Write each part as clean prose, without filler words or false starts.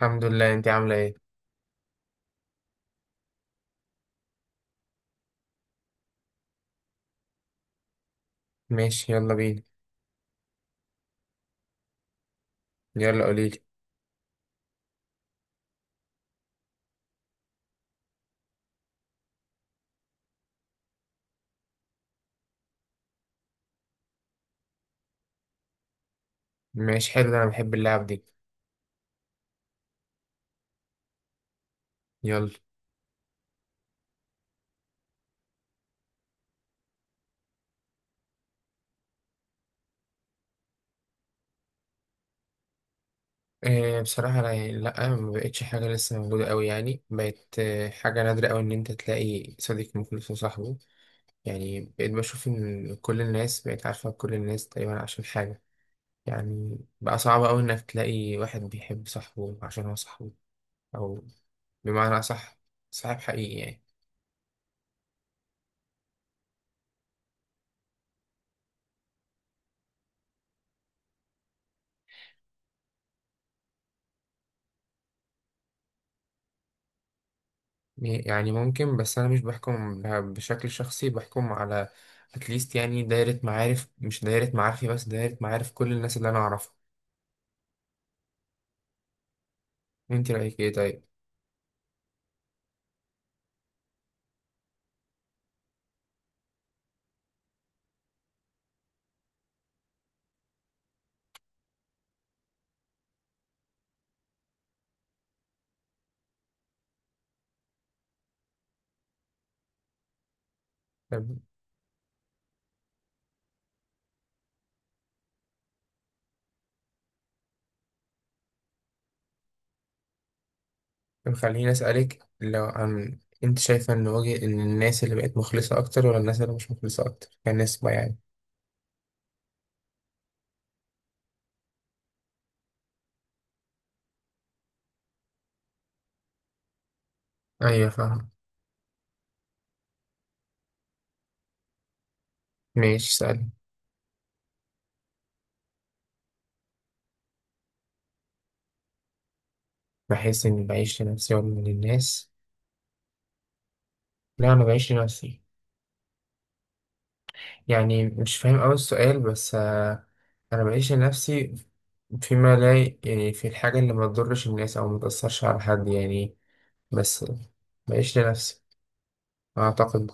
الحمد لله، انت عاملة ايه؟ ماشي، يلا بينا. يلا قوليلي. ماشي، حلو. ده انا بحب اللعب دي. يلا. إيه، بصراحة انا يعني لا، ما بقتش حاجة، لسه موجودة قوي، يعني بقت حاجة نادرة قوي ان انت تلاقي صديق مخلص وصاحبه. يعني بقيت بشوف ان كل الناس بقت عارفة كل الناس تقريبا عشان حاجة. يعني بقى صعب قوي انك تلاقي واحد بيحب صاحبه عشان هو صاحبه، او بمعنى اصح صاحب حقيقي يعني. يعني ممكن، بس انا مش بحكم بشكل شخصي، بحكم على اتليست يعني دايرة معارف، مش دايرة معارفي بس، دايرة معارف كل الناس اللي انا اعرفها. انت رأيك ايه طيب؟ طب طب خليني اسألك لو عن، انت شايفة ان وجه ان الناس اللي بقت مخلصة اكتر ولا الناس اللي مش مخلصة اكتر كنسبة يعني؟ ايوه فاهم. ماشي سألني. بحس اني بعيش لنفسي ولا للناس؟ لا، انا بعيش لنفسي. يعني مش فاهم أوي السؤال، بس أنا بعيش لنفسي فيما لا يعني في الحاجة اللي ما تضرش الناس أو ما تأثرش على حد يعني. بس بعيش لنفسي، أعتقد.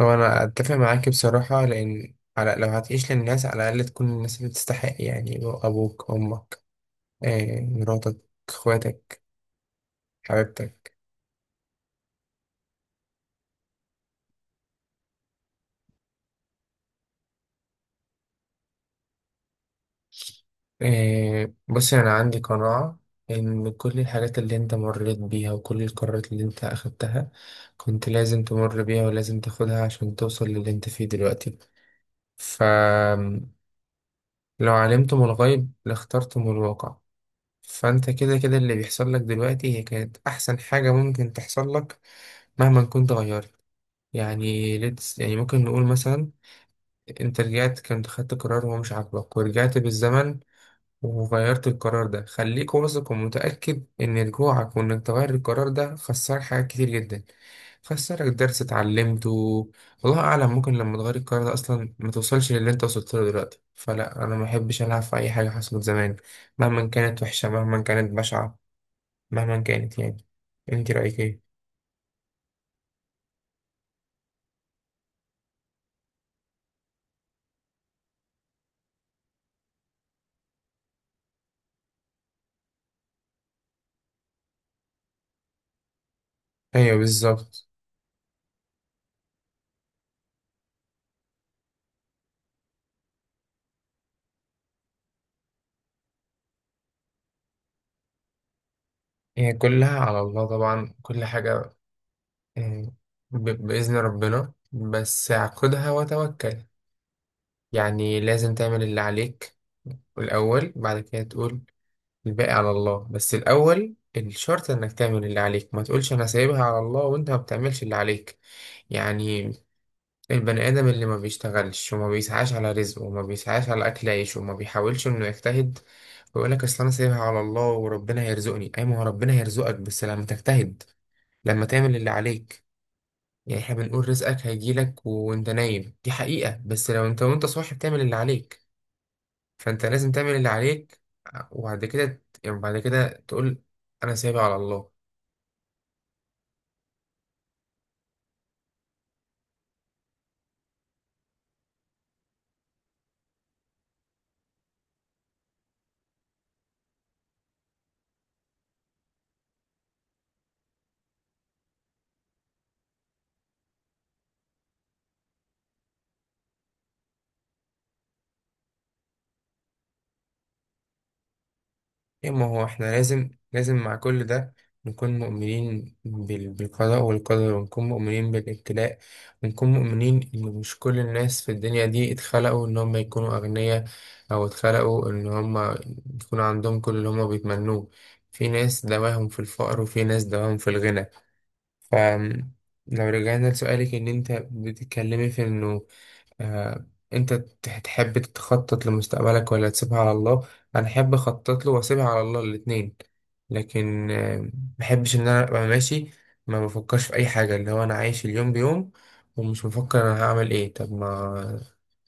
هو أنا أتفق معاك بصراحة، لأن على لو هتعيش للناس على الأقل تكون الناس اللي تستحق، يعني أبوك، أمك، مراتك، إخواتك، حبيبتك. إيه، بصي أنا عندي قناعة إن كل الحاجات اللي أنت مريت بيها وكل القرارات اللي أنت أخدتها كنت لازم تمر بيها ولازم تاخدها عشان توصل للي أنت فيه دلوقتي. فلو علمتم الغيب لاخترتم الواقع. فأنت كده كده اللي بيحصل لك دلوقتي هي كانت أحسن حاجة ممكن تحصل لك، مهما كنت غيرت. يعني ليتس يعني ممكن نقول مثلا أنت رجعت، كنت خدت قرار هو مش عاجبك ورجعت بالزمن وغيرت القرار ده. خليك واثق ومتأكد إن رجوعك وإنك تغير القرار ده خسرك حاجات كتير جدا، خسرك درس اتعلمته. والله أعلم ممكن لما تغير القرار ده أصلا ما توصلش للي أنت وصلت له دلوقتي. فلا، أنا ما أحبش ألعب في أي حاجة حصلت زمان، مهما كانت وحشة، مهما كانت بشعة، مهما كانت يعني. أنت رأيك إيه؟ أيوه، بالظبط. هي كلها على الله طبعا، كل حاجة. آه، بإذن ربنا، بس اعقدها وتوكل. يعني لازم تعمل اللي عليك الأول، بعد كده تقول الباقي على الله. بس الأول الشرط إنك تعمل اللي عليك، ما تقولش أنا سايبها على الله وأنت ما بتعملش اللي عليك. يعني البني آدم اللي ما بيشتغلش وما بيسعاش على رزقه وما بيسعاش على أكل عيشه وما بيحاولش إنه يجتهد، ويقول لك أصل أنا سايبها على الله وربنا هيرزقني، أي ما هو ربنا هيرزقك بس لما تجتهد، لما تعمل اللي عليك. يعني احنا بنقول رزقك هيجيلك وانت نايم، دي حقيقة، بس لو انت وانت صاحي بتعمل اللي عليك. فانت لازم تعمل اللي عليك، وبعد كده يعني بعد كده تقول انا سايبها على الله. يا ما هو احنا لازم مع كل ده نكون مؤمنين بالقضاء والقدر، ونكون مؤمنين بالابتلاء، ونكون مؤمنين ان مش كل الناس في الدنيا دي اتخلقوا ان هم يكونوا اغنياء، او اتخلقوا ان هم يكون عندهم كل اللي هم بيتمنوه. في ناس دواهم في الفقر، وفي ناس دواهم في الغنى. فلو رجعنا لسؤالك ان انت بتتكلمي في انه آه، انت تحب تخطط لمستقبلك ولا تسيبها على الله. انا احب اخطط له واسيبها على الله، الاتنين. لكن ما بحبش ان انا ابقى ماشي ما بفكرش في اي حاجه، اللي هو انا عايش اليوم بيوم، ومش بفكر انا هعمل ايه. طب ما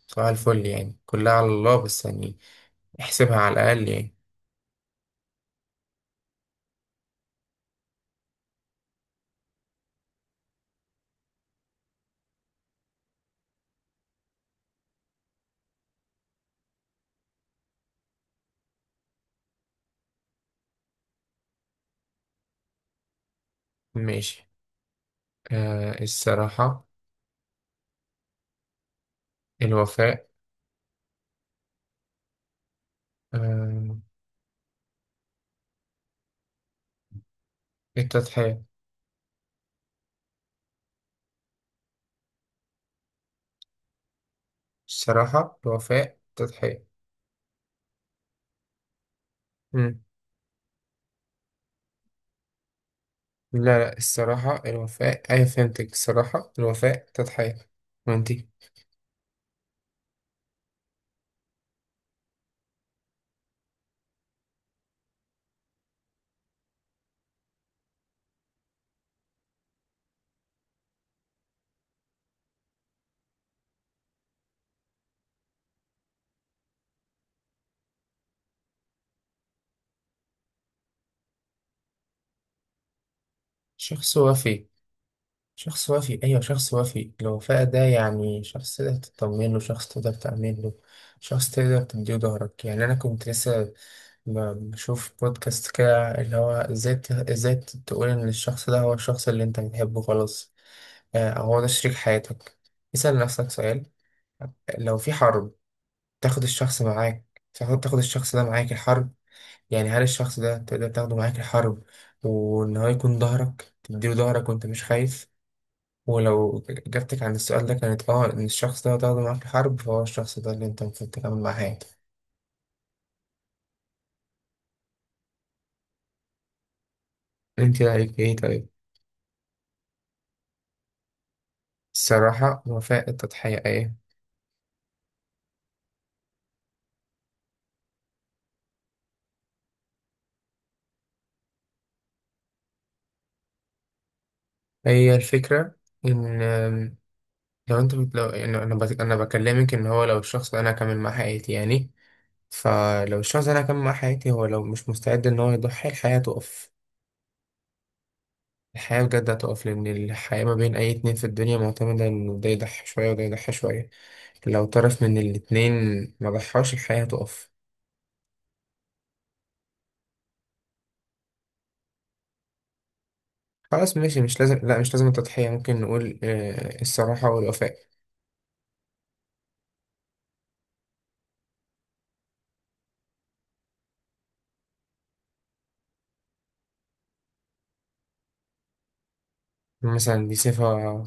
صباح الفل يعني كلها على الله، بس يعني احسبها على الاقل يعني. ماشي. الصراحه. الوفاء. آه التضحيه. الصراحه، الوفاء، التضحيه. لا لا، الصراحة، الوفاء، أيوة فهمتك، الصراحة، الوفاء، تضحية. وانتي؟ شخص وفي. شخص وفي، أيوة شخص وفي، الوفاء ده يعني شخص تقدر تطمن له، شخص تقدر تعمل له، شخص تقدر تديه ظهرك. يعني أنا كنت لسه بشوف بودكاست كده، اللي هو إزاي إزاي تقول إن الشخص ده هو الشخص اللي أنت بتحبه خلاص، أو هو ده شريك حياتك. اسأل نفسك سؤال، لو في حرب تاخد الشخص معاك، تاخد الشخص ده معاك الحرب. يعني هل الشخص ده تقدر تاخده معاك الحرب وإن هو يكون ظهرك، تديله ظهرك وأنت مش خايف؟ ولو إجابتك عن السؤال ده كانت آه إن الشخص ده هتاخده معاك الحرب، فهو الشخص ده اللي أنت المفروض تكمل معاه حياتك. أنت رأيك إيه طيب؟ الصراحة، وفاء، التضحية، إيه؟ هي الفكرة إن لو أنت لو يعني أنا أنا بكلمك إن هو لو الشخص ده أنا هكمل معاه حياتي يعني. فلو الشخص ده أنا هكمل معاه حياتي، هو لو مش مستعد إن هو يضحي الحياة تقف. الحياة بجد هتقف، لأن الحياة ما بين أي اتنين في الدنيا معتمدة إن ده يضحي شوية وده يضحي شوية. لو طرف من الاتنين ما ضحاش الحياة هتقف. خلاص ماشي، مش لازم، لا مش لازم التضحية، ممكن نقول الصراحة والوفاء. مثلا دي صفة.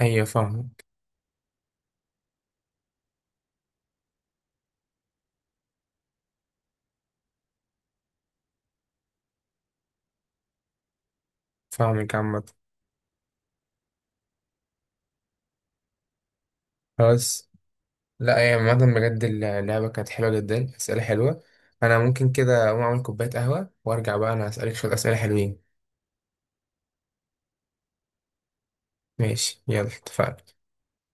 أيوة فاهمك. فاهمك عامة. خلاص. لا هي عامة بجد اللعبة كانت حلوة جدا، أسئلة حلوة. أنا ممكن كده أقوم أعمل كوباية قهوة وأرجع بقى أنا أسألك شوية أسئلة حلوين. ماشي يلا اتفقنا.